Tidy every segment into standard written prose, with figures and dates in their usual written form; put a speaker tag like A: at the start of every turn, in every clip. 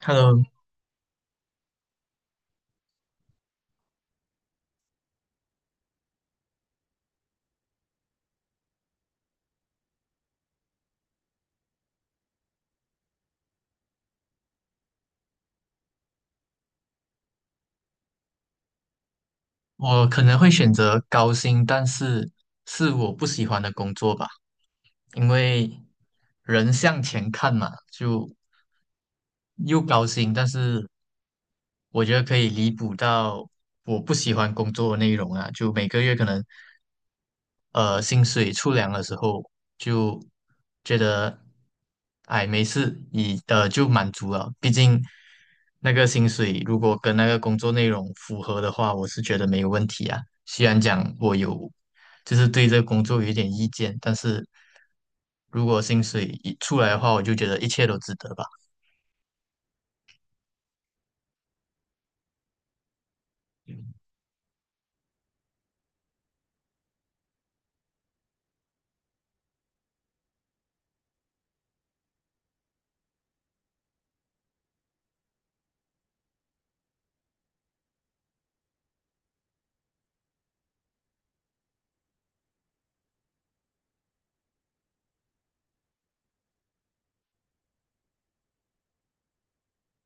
A: Hello，我可能会选择高薪，但是是我不喜欢的工作吧。因为人向前看嘛，又高薪，但是我觉得可以弥补到我不喜欢工作的内容啊，就每个月可能薪水出粮的时候，就觉得哎没事，你就满足了，毕竟那个薪水如果跟那个工作内容符合的话，我是觉得没有问题啊。虽然讲我有就是对这个工作有一点意见，但是如果薪水一出来的话，我就觉得一切都值得吧。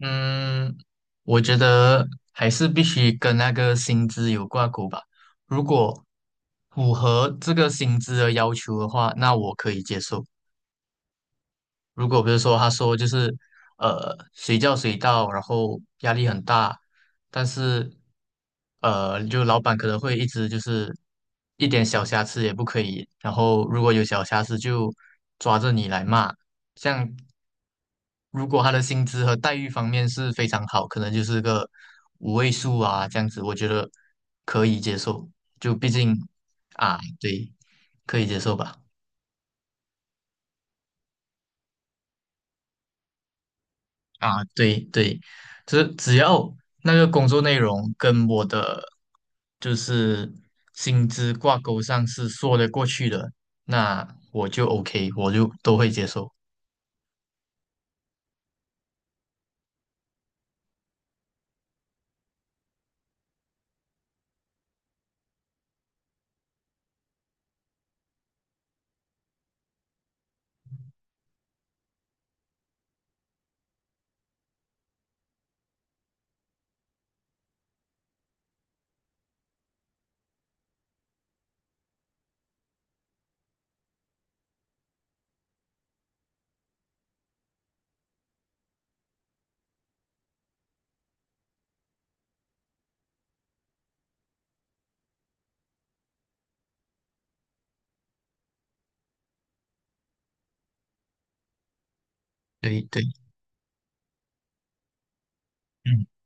A: 嗯，我觉得还是必须跟那个薪资有挂钩吧。如果符合这个薪资的要求的话，那我可以接受；如果比如说他说就是随叫随到，然后压力很大，但是就老板可能会一直就是一点小瑕疵也不可以，然后如果有小瑕疵就抓着你来骂。像如果他的薪资和待遇方面是非常好，可能就是个五位数啊这样子，我觉得可以接受。就毕竟啊，对，可以接受吧。啊，对对，只要那个工作内容跟我的就是薪资挂钩上是说得过去的，那我就 OK，我就都会接受。对对，嗯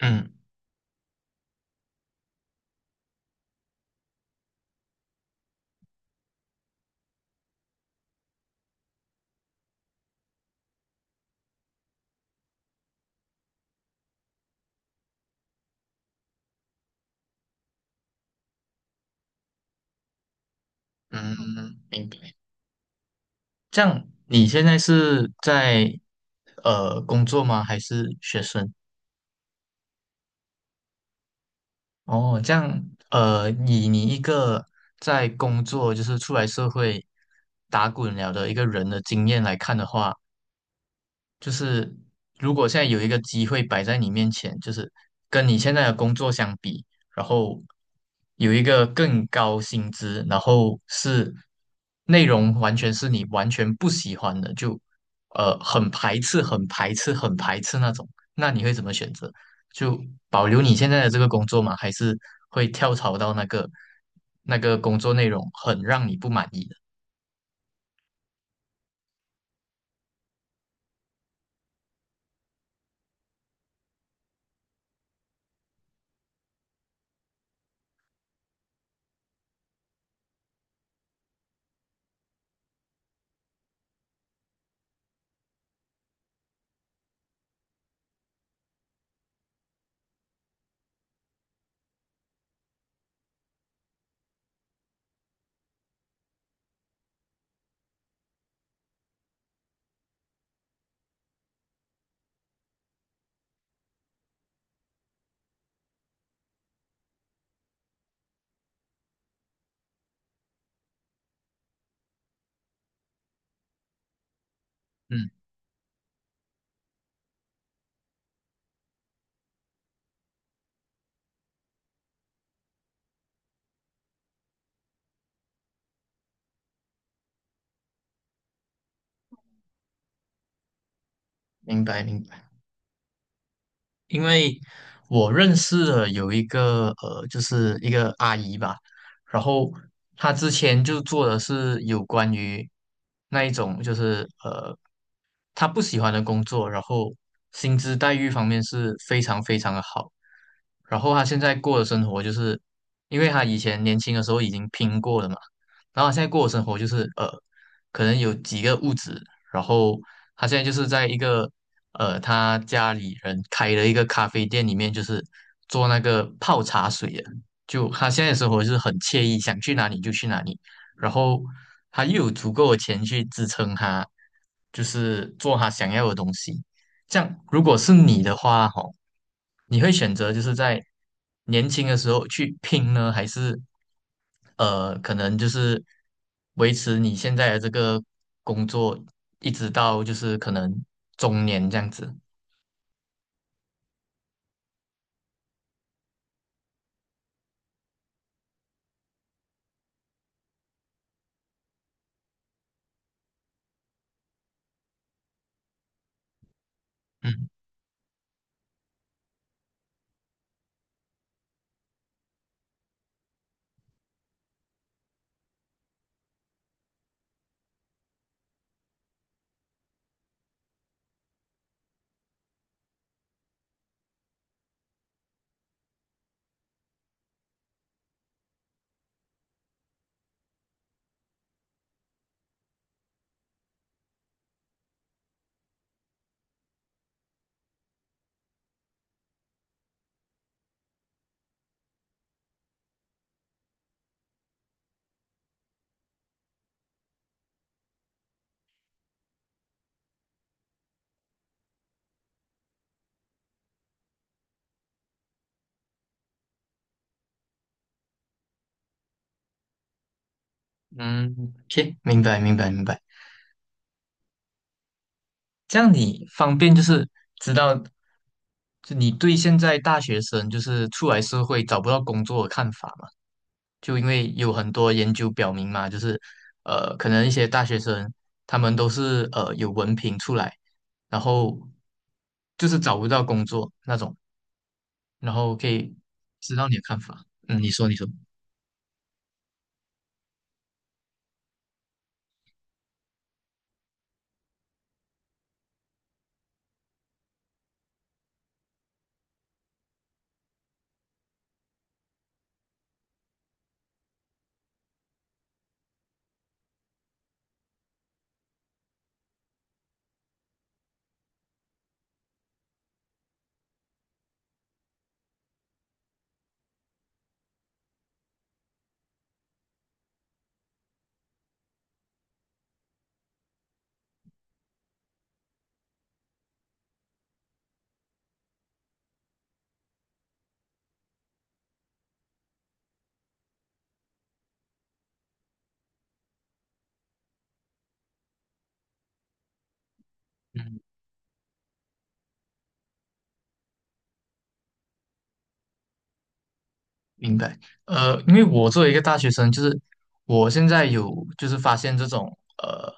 A: 嗯嗯，明白。这样你现在是在工作吗？还是学生？哦，这样，以你一个在工作就是出来社会打滚了的一个人的经验来看的话。就是如果现在有一个机会摆在你面前，就是跟你现在的工作相比，然后有一个更高薪资，然后是内容完全是你完全不喜欢的，就很排斥、很排斥、很排斥那种，那你会怎么选择？就保留你现在的这个工作吗？还是会跳槽到那个工作内容很让你不满意的？嗯，明白明白。因为我认识的有一个，就是一个阿姨吧，然后她之前就做的是有关于那一种就是他不喜欢的工作，然后薪资待遇方面是非常非常的好。然后他现在过的生活就是，因为他以前年轻的时候已经拼过了嘛，然后他现在过的生活就是，可能有几个物质，然后他现在就是在一个他家里人开的一个咖啡店里面，就是做那个泡茶水的，就他现在的生活就是很惬意，想去哪里就去哪里。然后他又有足够的钱去支撑他，就是做他想要的东西。这样，如果是你的话，吼，你会选择就是在年轻的时候去拼呢，还是，可能就是维持你现在的这个工作，一直到就是可能中年这样子？嗯嗯行，明白明白明白。这样你方便就是知道，就你对现在大学生就是出来社会找不到工作的看法嘛？就因为有很多研究表明嘛，就是呃，可能一些大学生他们都是有文凭出来，然后就是找不到工作那种，然后可以知道你的看法。嗯，你说，你说。嗯。明白，呃，因为我作为一个大学生，就是我现在有就是发现这种呃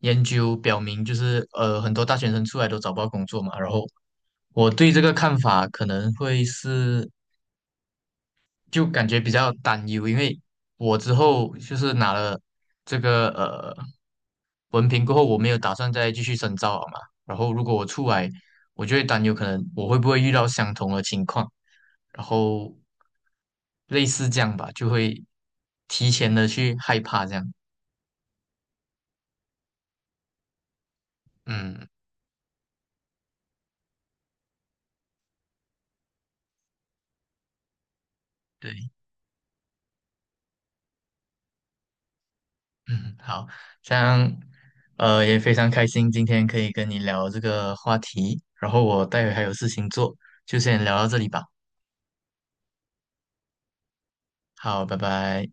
A: 研究表明，就是呃很多大学生出来都找不到工作嘛，然后我对这个看法可能会是就感觉比较担忧，因为我之后就是拿了这个文凭过后，我没有打算再继续深造了嘛。然后如果我出来，我就会担忧，可能我会不会遇到相同的情况，然后类似这样吧，就会提前的去害怕这样。嗯，对，嗯，好，这样也非常开心今天可以跟你聊这个话题，然后我待会还有事情做，就先聊到这里吧。好，拜拜。